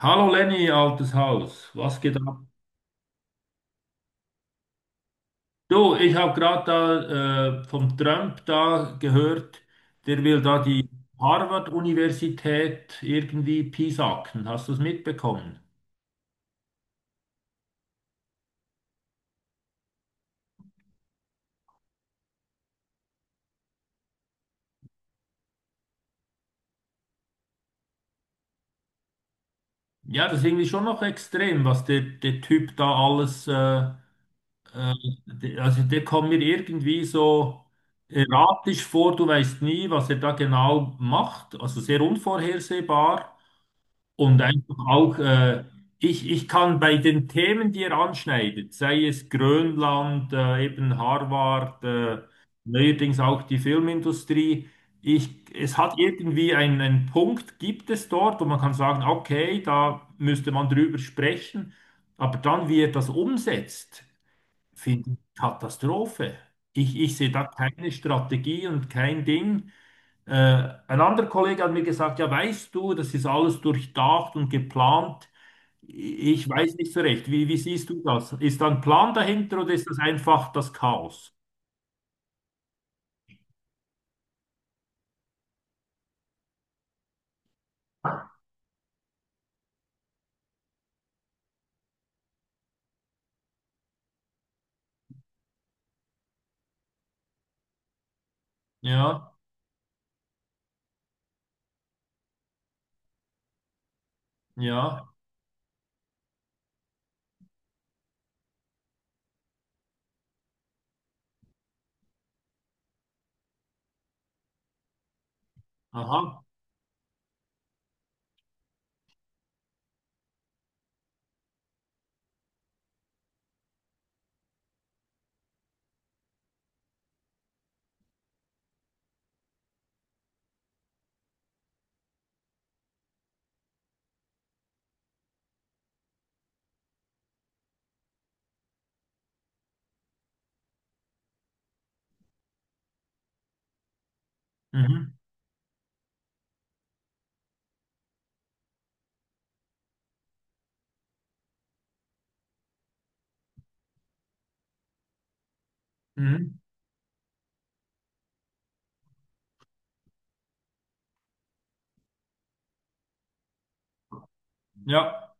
Hallo Lenny, altes Haus, was geht ab? Du, ich habe gerade da vom Trump da gehört, der will da die Harvard-Universität irgendwie piesacken. Hast du es mitbekommen? Ja, das ist irgendwie schon noch extrem, was der Typ da alles, also der kommt mir irgendwie so erratisch vor, du weißt nie, was er da genau macht, also sehr unvorhersehbar. Und einfach auch, ich kann bei den Themen, die er anschneidet, sei es Grönland, eben Harvard, neuerdings auch die Filmindustrie, ich, es hat irgendwie einen Punkt, gibt es dort, wo man kann sagen, okay, da müsste man drüber sprechen, aber dann, wie er das umsetzt, finde ich Katastrophe. Ich sehe da keine Strategie und kein Ding. Ein anderer Kollege hat mir gesagt, ja, weißt du, das ist alles durchdacht und geplant. Ich weiß nicht so recht. Wie siehst du das? Ist da ein Plan dahinter oder ist das einfach das Chaos? Ja, ja, aha, mhm, mhm, ja.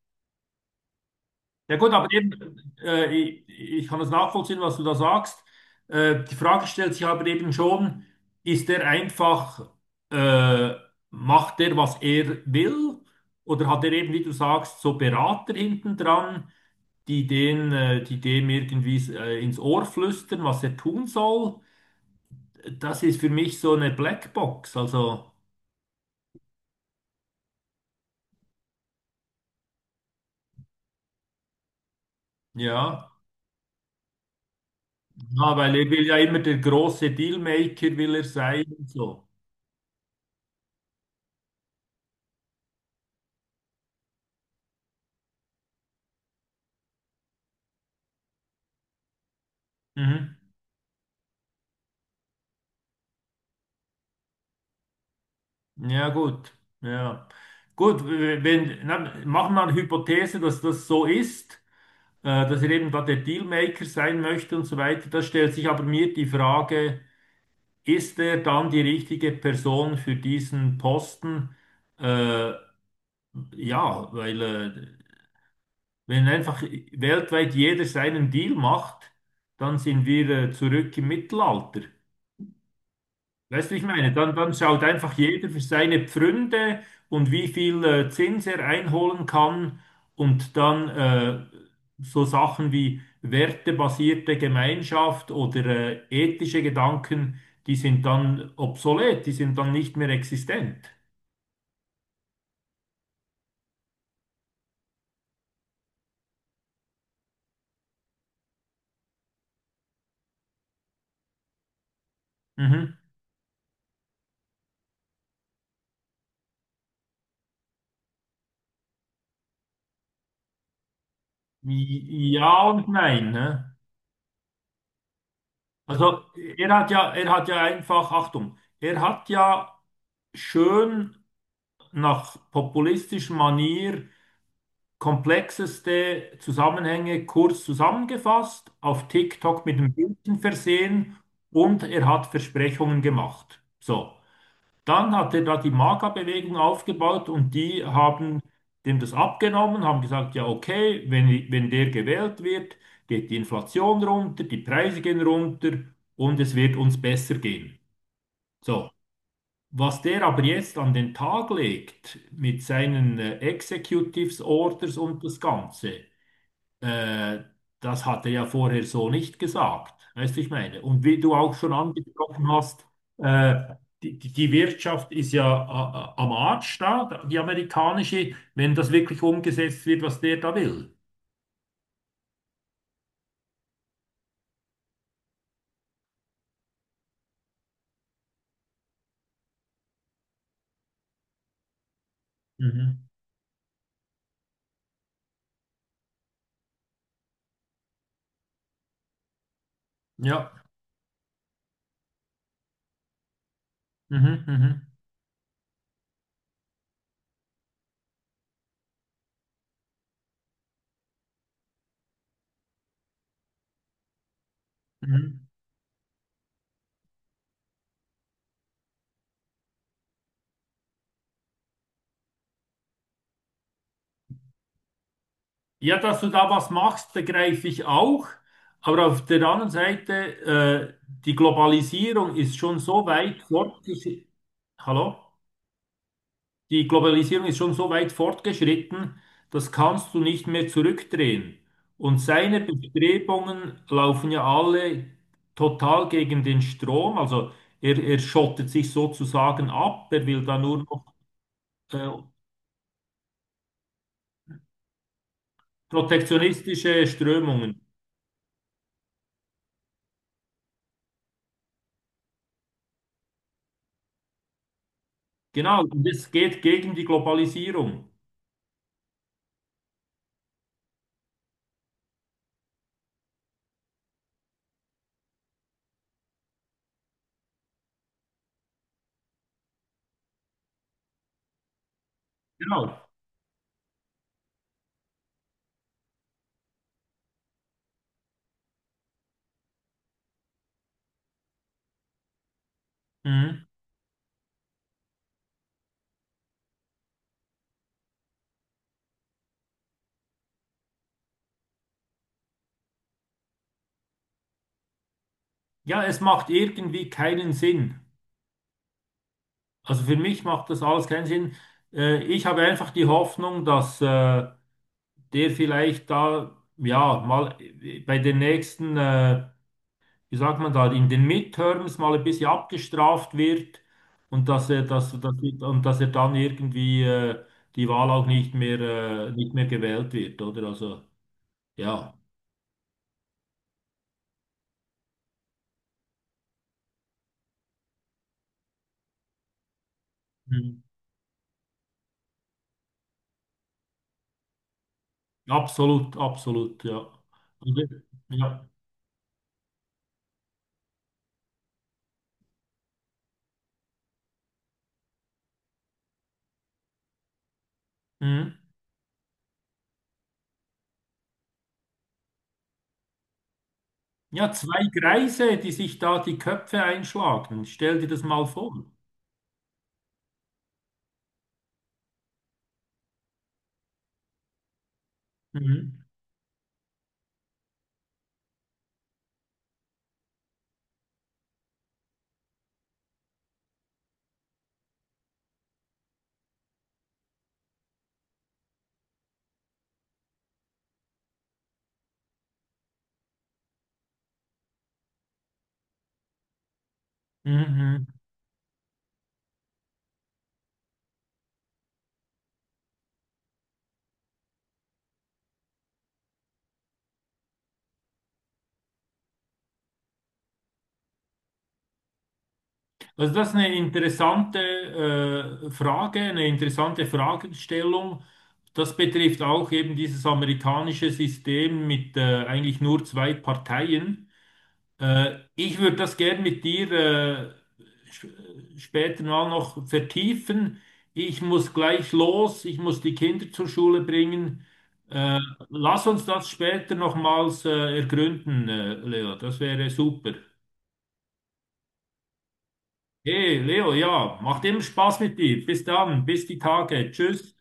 Ja gut, aber eben, ich kann das nachvollziehen, was du da sagst. Die Frage stellt sich aber eben schon, ist er einfach, äh, macht er, was er will? Oder hat er eben, wie du sagst, so Berater hinten dran, die die dem irgendwie ins Ohr flüstern, was er tun soll? Das ist für mich so eine Blackbox. Also, ja, ja, weil er will ja immer der große Dealmaker, will er sein und so. Mhm. Ja, gut. Ja. Gut, wenn, na, machen wir eine Hypothese, dass das so ist, dass er eben da der Dealmaker sein möchte und so weiter. Da stellt sich aber mir die Frage, ist er dann die richtige Person für diesen Posten? Äh, ja, weil wenn einfach weltweit jeder seinen Deal macht, dann sind wir zurück im Mittelalter. Weißt du, wie ich meine, dann, dann schaut einfach jeder für seine Pfründe und wie viel Zins er einholen kann und dann so Sachen wie wertebasierte Gemeinschaft oder ethische Gedanken, die sind dann obsolet, die sind dann nicht mehr existent. Mhm. Ja und nein. Ne? Also er hat ja einfach, Achtung, er hat ja schön nach populistischer Manier komplexeste Zusammenhänge kurz zusammengefasst, auf TikTok mit einem Bildchen versehen und er hat Versprechungen gemacht. So, dann hat er da die Maga-Bewegung aufgebaut und die haben dem das abgenommen, haben gesagt, ja okay, wenn, wenn der gewählt wird, geht die Inflation runter, die Preise gehen runter und es wird uns besser gehen. So. Was der aber jetzt an den Tag legt mit seinen Executives Orders und das Ganze, äh, das hat er ja vorher so nicht gesagt, weißt du, ich meine. Und wie du auch schon angesprochen hast, äh, die die Wirtschaft ist ja am Arsch da, die amerikanische, wenn das wirklich umgesetzt wird, was der da will. Mhm. Ja. Mhm, mhm, mhm. Ja, dass du da was machst, begreife ich auch. Aber auf der anderen Seite, äh, die Globalisierung ist schon so weit fortgeschritten. Hallo? Die Globalisierung ist schon so weit fortgeschritten, das kannst du nicht mehr zurückdrehen. Und seine Bestrebungen laufen ja alle total gegen den Strom. Also er schottet sich sozusagen ab, er will da nur noch äh, protektionistische Strömungen. Genau, und es geht gegen die Globalisierung. Genau. Mhm. Ja, es macht irgendwie keinen Sinn. Also für mich macht das alles keinen Sinn. Ich habe einfach die Hoffnung, dass der vielleicht da, ja, mal bei den nächsten, wie sagt man da, in den Midterms mal ein bisschen abgestraft wird und dass und dass er dann irgendwie die Wahl auch nicht mehr, nicht mehr gewählt wird, oder? Also, ja, Mhm. absolut, absolut, ja. Also, ja. Mhm. Ja, zwei Greise, die sich da die Köpfe einschlagen. Stell dir das mal vor. Mhm. Mhm. mhm. Also das ist eine interessante Frage, eine interessante Fragestellung. Das betrifft auch eben dieses amerikanische System mit eigentlich nur zwei Parteien. Ich würde das gern mit dir sp- später mal noch vertiefen. Ich muss gleich los, ich muss die Kinder zur Schule bringen. Äh, lass uns das später nochmals ergründen, Leo. Das wäre super. Hey, Leo, ja, macht immer Spaß mit dir. Bis dann, bis die Tage. Tschüss.